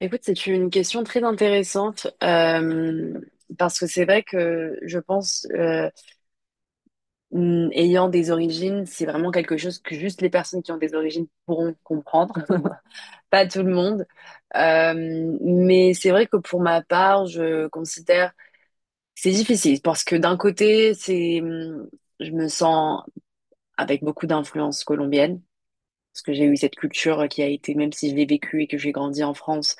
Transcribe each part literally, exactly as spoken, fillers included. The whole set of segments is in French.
Écoute, c'est une question très intéressante euh, parce que c'est vrai que je pense, euh, mm, ayant des origines, c'est vraiment quelque chose que juste les personnes qui ont des origines pourront comprendre, pas tout le monde. Euh, mais c'est vrai que pour ma part, je considère que c'est difficile parce que d'un côté, c'est, mm, je me sens avec beaucoup d'influence colombienne parce que j'ai eu cette culture qui a été, même si je l'ai vécue et que j'ai grandi en France.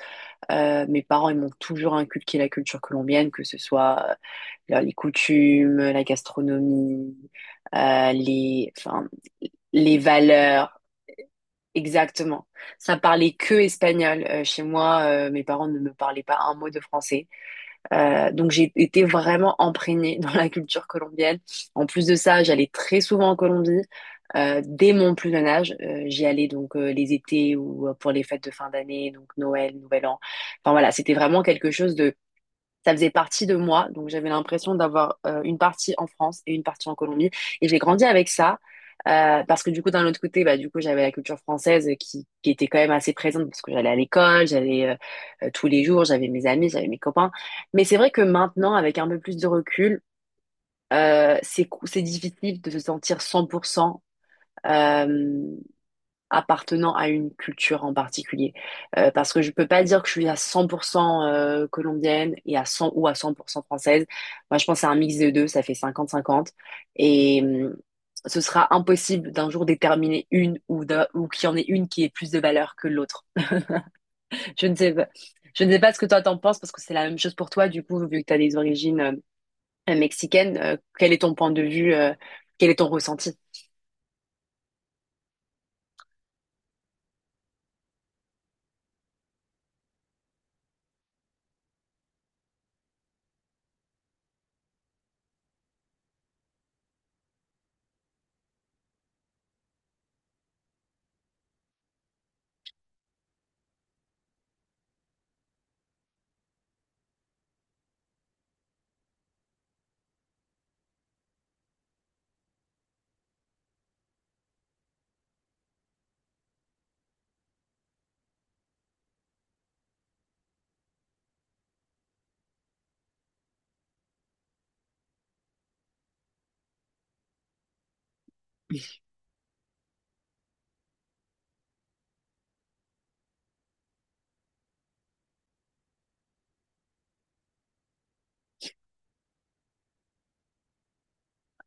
Euh, mes parents, ils m'ont toujours inculqué la culture colombienne, que ce soit euh, les coutumes, euh, la gastronomie, euh, les, enfin, les valeurs. Exactement. Ça parlait que espagnol. Euh, chez moi, euh, mes parents ne me parlaient pas un mot de français. Euh, donc j'ai été vraiment imprégnée dans la culture colombienne. En plus de ça, j'allais très souvent en Colombie. Euh, dès mon plus jeune âge, euh, j'y allais donc euh, les étés ou euh, pour les fêtes de fin d'année, donc Noël, Nouvel An. Enfin voilà, c'était vraiment quelque chose de Ça faisait partie de moi. Donc j'avais l'impression d'avoir euh, une partie en France et une partie en Colombie. Et j'ai grandi avec ça. Euh, parce que du coup, d'un autre côté, bah, du coup, j'avais la culture française qui, qui était quand même assez présente parce que j'allais à l'école, j'allais euh, euh, tous les jours, j'avais mes amis, j'avais mes copains. Mais c'est vrai que maintenant, avec un peu plus de recul, euh, c'est cou- c'est difficile de se sentir cent pour cent appartenant à une culture en particulier. Euh, parce que je peux pas dire que je suis à cent pour cent euh, colombienne et à cent ou à cent pour cent française. Moi, je pense à un mix des deux, ça fait cinquante cinquante. Et hum, ce sera impossible d'un jour déterminer une ou, d'un- ou qu'il y en ait une qui ait plus de valeur que l'autre. Je ne sais pas. Je ne sais pas ce que toi t'en penses parce que c'est la même chose pour toi, du coup, vu que tu as des origines euh, mexicaines, euh, quel est ton point de vue, euh, quel est ton ressenti?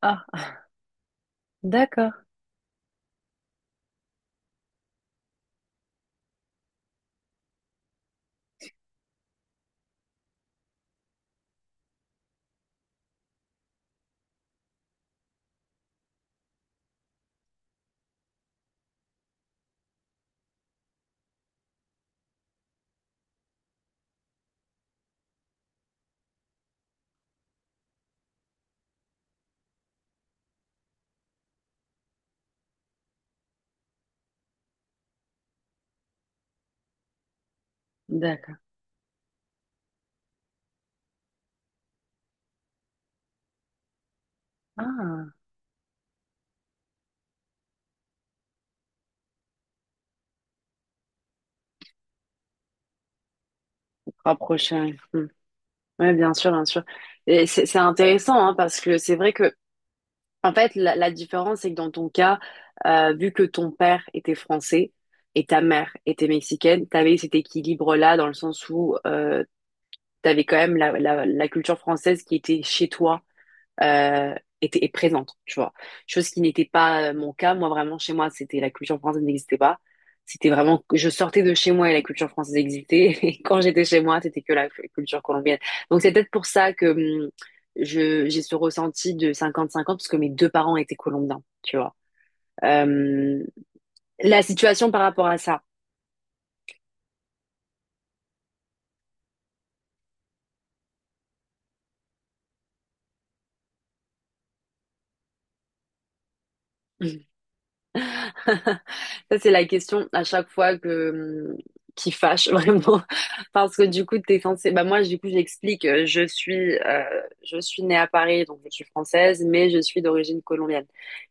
Ah, d'accord. D'accord. Ah, rapproché. Ouais, bien sûr, bien sûr. Et c'est c'est intéressant hein, parce que c'est vrai que, en fait, la, la différence, c'est que dans ton cas, euh, vu que ton père était français et ta mère était mexicaine, t'avais cet équilibre-là dans le sens où euh, t'avais quand même la, la, la culture française qui était chez toi euh, était est présente, tu vois. Chose qui n'était pas euh, mon cas. Moi, vraiment, chez moi, c'était la culture française n'existait pas. C'était vraiment, je sortais de chez moi et la culture française existait. Et quand j'étais chez moi, c'était que la cu- culture colombienne. Donc, c'est peut-être pour ça que hum, je, j'ai ce ressenti de cinquante cinquante parce que mes deux parents étaient colombiens, tu vois. Euh, la situation par rapport à ça. Ça, c'est la question à chaque fois que mmh, qui fâche vraiment parce que du coup t'es censé bah moi du coup j'explique euh, je suis euh, je suis née à Paris donc je suis française mais je suis d'origine colombienne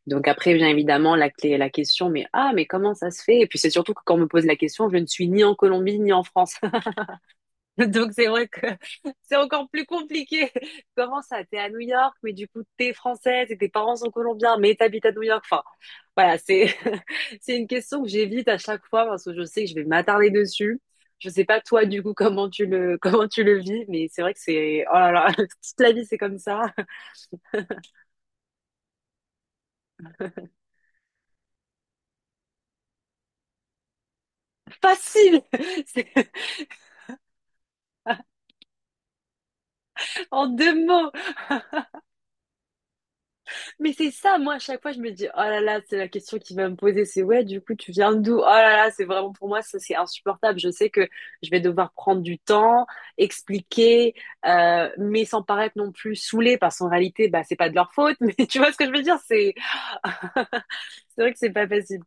donc après vient évidemment la clé la question mais ah mais comment ça se fait et puis c'est surtout que quand on me pose la question je ne suis ni en Colombie ni en France Donc c'est vrai que c'est encore plus compliqué. Comment ça? T'es à New York, mais du coup t'es française et tes parents sont colombiens, mais t'habites à New York. Enfin, voilà, c'est c'est une question que j'évite à chaque fois parce que je sais que je vais m'attarder dessus. Je sais pas toi du coup comment tu le comment tu le vis, mais c'est vrai que c'est oh là là toute la vie c'est comme ça. Facile. C'est- En deux mots. Mais c'est ça, moi, à chaque fois, je me dis, oh là là, c'est la question qu'il va me poser, c'est ouais, du coup, tu viens d'où? Oh là là, c'est vraiment pour moi, ça, c'est insupportable. Je sais que je vais devoir prendre du temps, expliquer, euh, mais sans paraître non plus saoulée, parce qu'en réalité, bah, c'est pas de leur faute, mais tu vois ce que je veux dire? C'est, c'est vrai que c'est pas facile.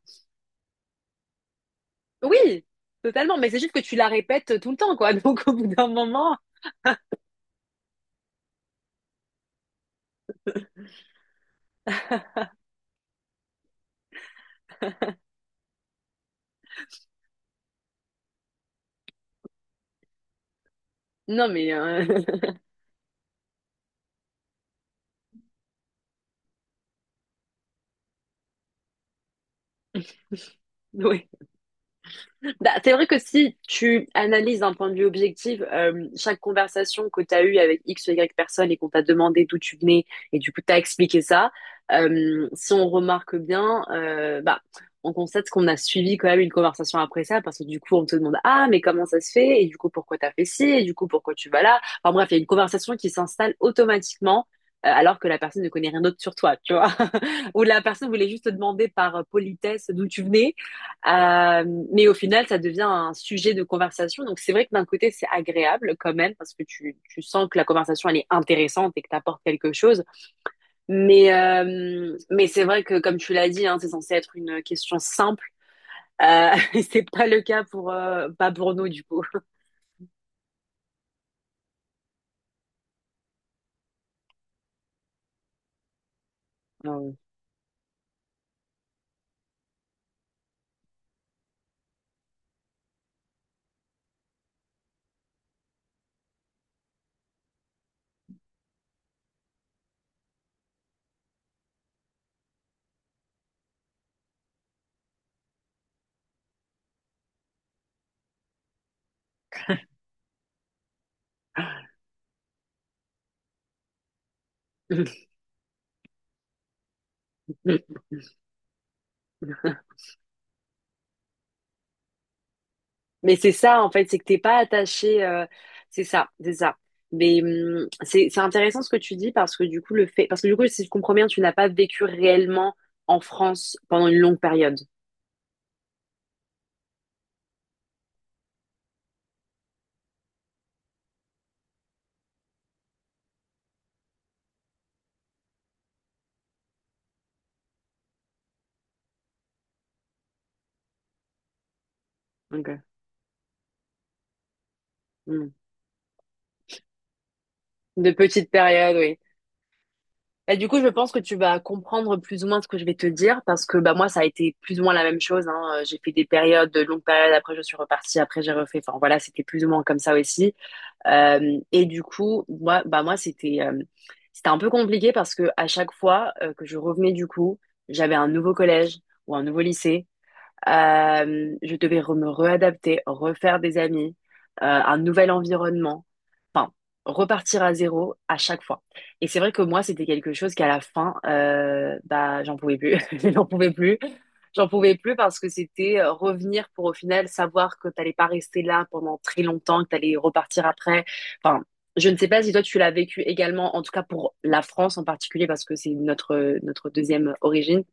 Oui, totalement, mais c'est juste que tu la répètes tout le temps, quoi. Donc, au bout d'un moment, non, mais, euh... oui. Bah, c'est vrai que si tu analyses d'un point de vue objectif, euh, chaque conversation que tu as eue avec X ou Y personne et qu'on t'a demandé d'où tu venais et du coup t'as expliqué ça, euh, si on remarque bien, euh, bah, on constate qu'on a suivi quand même une conversation après ça parce que du coup on te demande ah mais comment ça se fait et du coup pourquoi t'as fait ci et du coup pourquoi tu vas là. Enfin bref, il y a une conversation qui s'installe automatiquement euh, alors que la personne ne connaît rien d'autre sur toi, tu vois. Ou la personne voulait juste te demander par politesse d'où tu venais. Euh, mais au final, ça devient un sujet de conversation. Donc c'est vrai que d'un côté, c'est agréable quand même parce que tu, tu sens que la conversation, elle est intéressante et que t'apportes quelque chose. Mais, euh, mais c'est vrai que comme tu l'as dit, hein, c'est censé être une question simple. Euh, et c'est pas le cas pour, euh, pas pour nous du coup. Ah ouais. Mais c'est ça, en fait, c'est que t'es pas attaché. euh, c'est ça, c'est ça. Mais hum, c'est c'est intéressant ce que tu dis parce que du coup le fait, parce que du coup si je comprends bien, tu n'as pas vécu réellement en France pendant une longue période. Ok. Hum. De petites périodes, oui. Et du coup, je pense que tu vas comprendre plus ou moins ce que je vais te dire parce que bah moi ça a été plus ou moins la même chose. Hein. Euh, J'ai fait des périodes, de longues périodes. Après je suis repartie. Après j'ai refait. Enfin voilà, c'était plus ou moins comme ça aussi. Euh, et du coup, moi, bah moi c'était euh, c'était un peu compliqué parce que à chaque fois euh, que je revenais du coup, j'avais un nouveau collège ou un nouveau lycée. Euh, je devais re- me réadapter, refaire des amis, euh, un nouvel environnement enfin, repartir à zéro à chaque fois. Et c'est vrai que moi, c'était quelque chose qu'à la fin, euh, bah, j'en pouvais plus. J'en pouvais plus. J'en pouvais plus parce que c'était euh, revenir pour au final savoir que t'allais pas rester là pendant très longtemps, que t'allais repartir après. Enfin, je ne sais pas si toi tu l'as vécu également, en tout cas pour la France en particulier parce que c'est notre notre deuxième origine,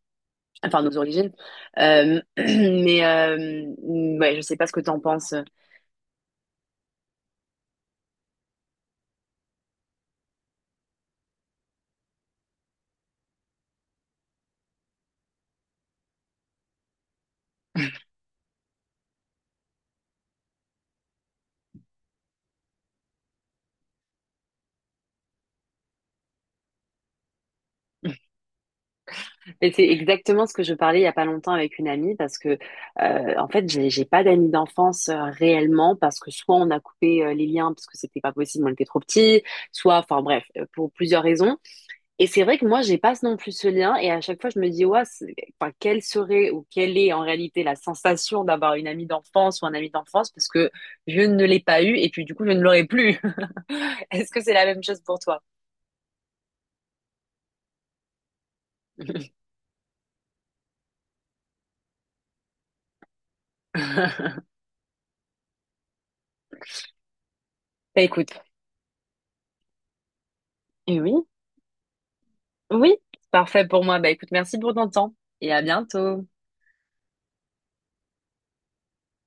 enfin nos origines. Euh, mais euh, ouais, je sais pas ce que t'en penses. Mais c'est exactement ce que je parlais il y a pas longtemps avec une amie parce que euh, en fait j'ai j'ai pas d'amis d'enfance euh, réellement parce que soit on a coupé euh, les liens parce que c'était pas possible on était trop petits soit enfin bref euh, pour plusieurs raisons et c'est vrai que moi j'ai pas non plus ce lien et à chaque fois je me dis ouais c'est- enfin quelle serait ou quelle est en réalité la sensation d'avoir une amie d'enfance ou un ami d'enfance parce que je ne l'ai pas eu et puis du coup je ne l'aurai plus. Est-ce que c'est la même chose pour toi? Bah écoute, eh oui. Oui, parfait pour moi. Bah écoute, merci pour ton temps et à bientôt.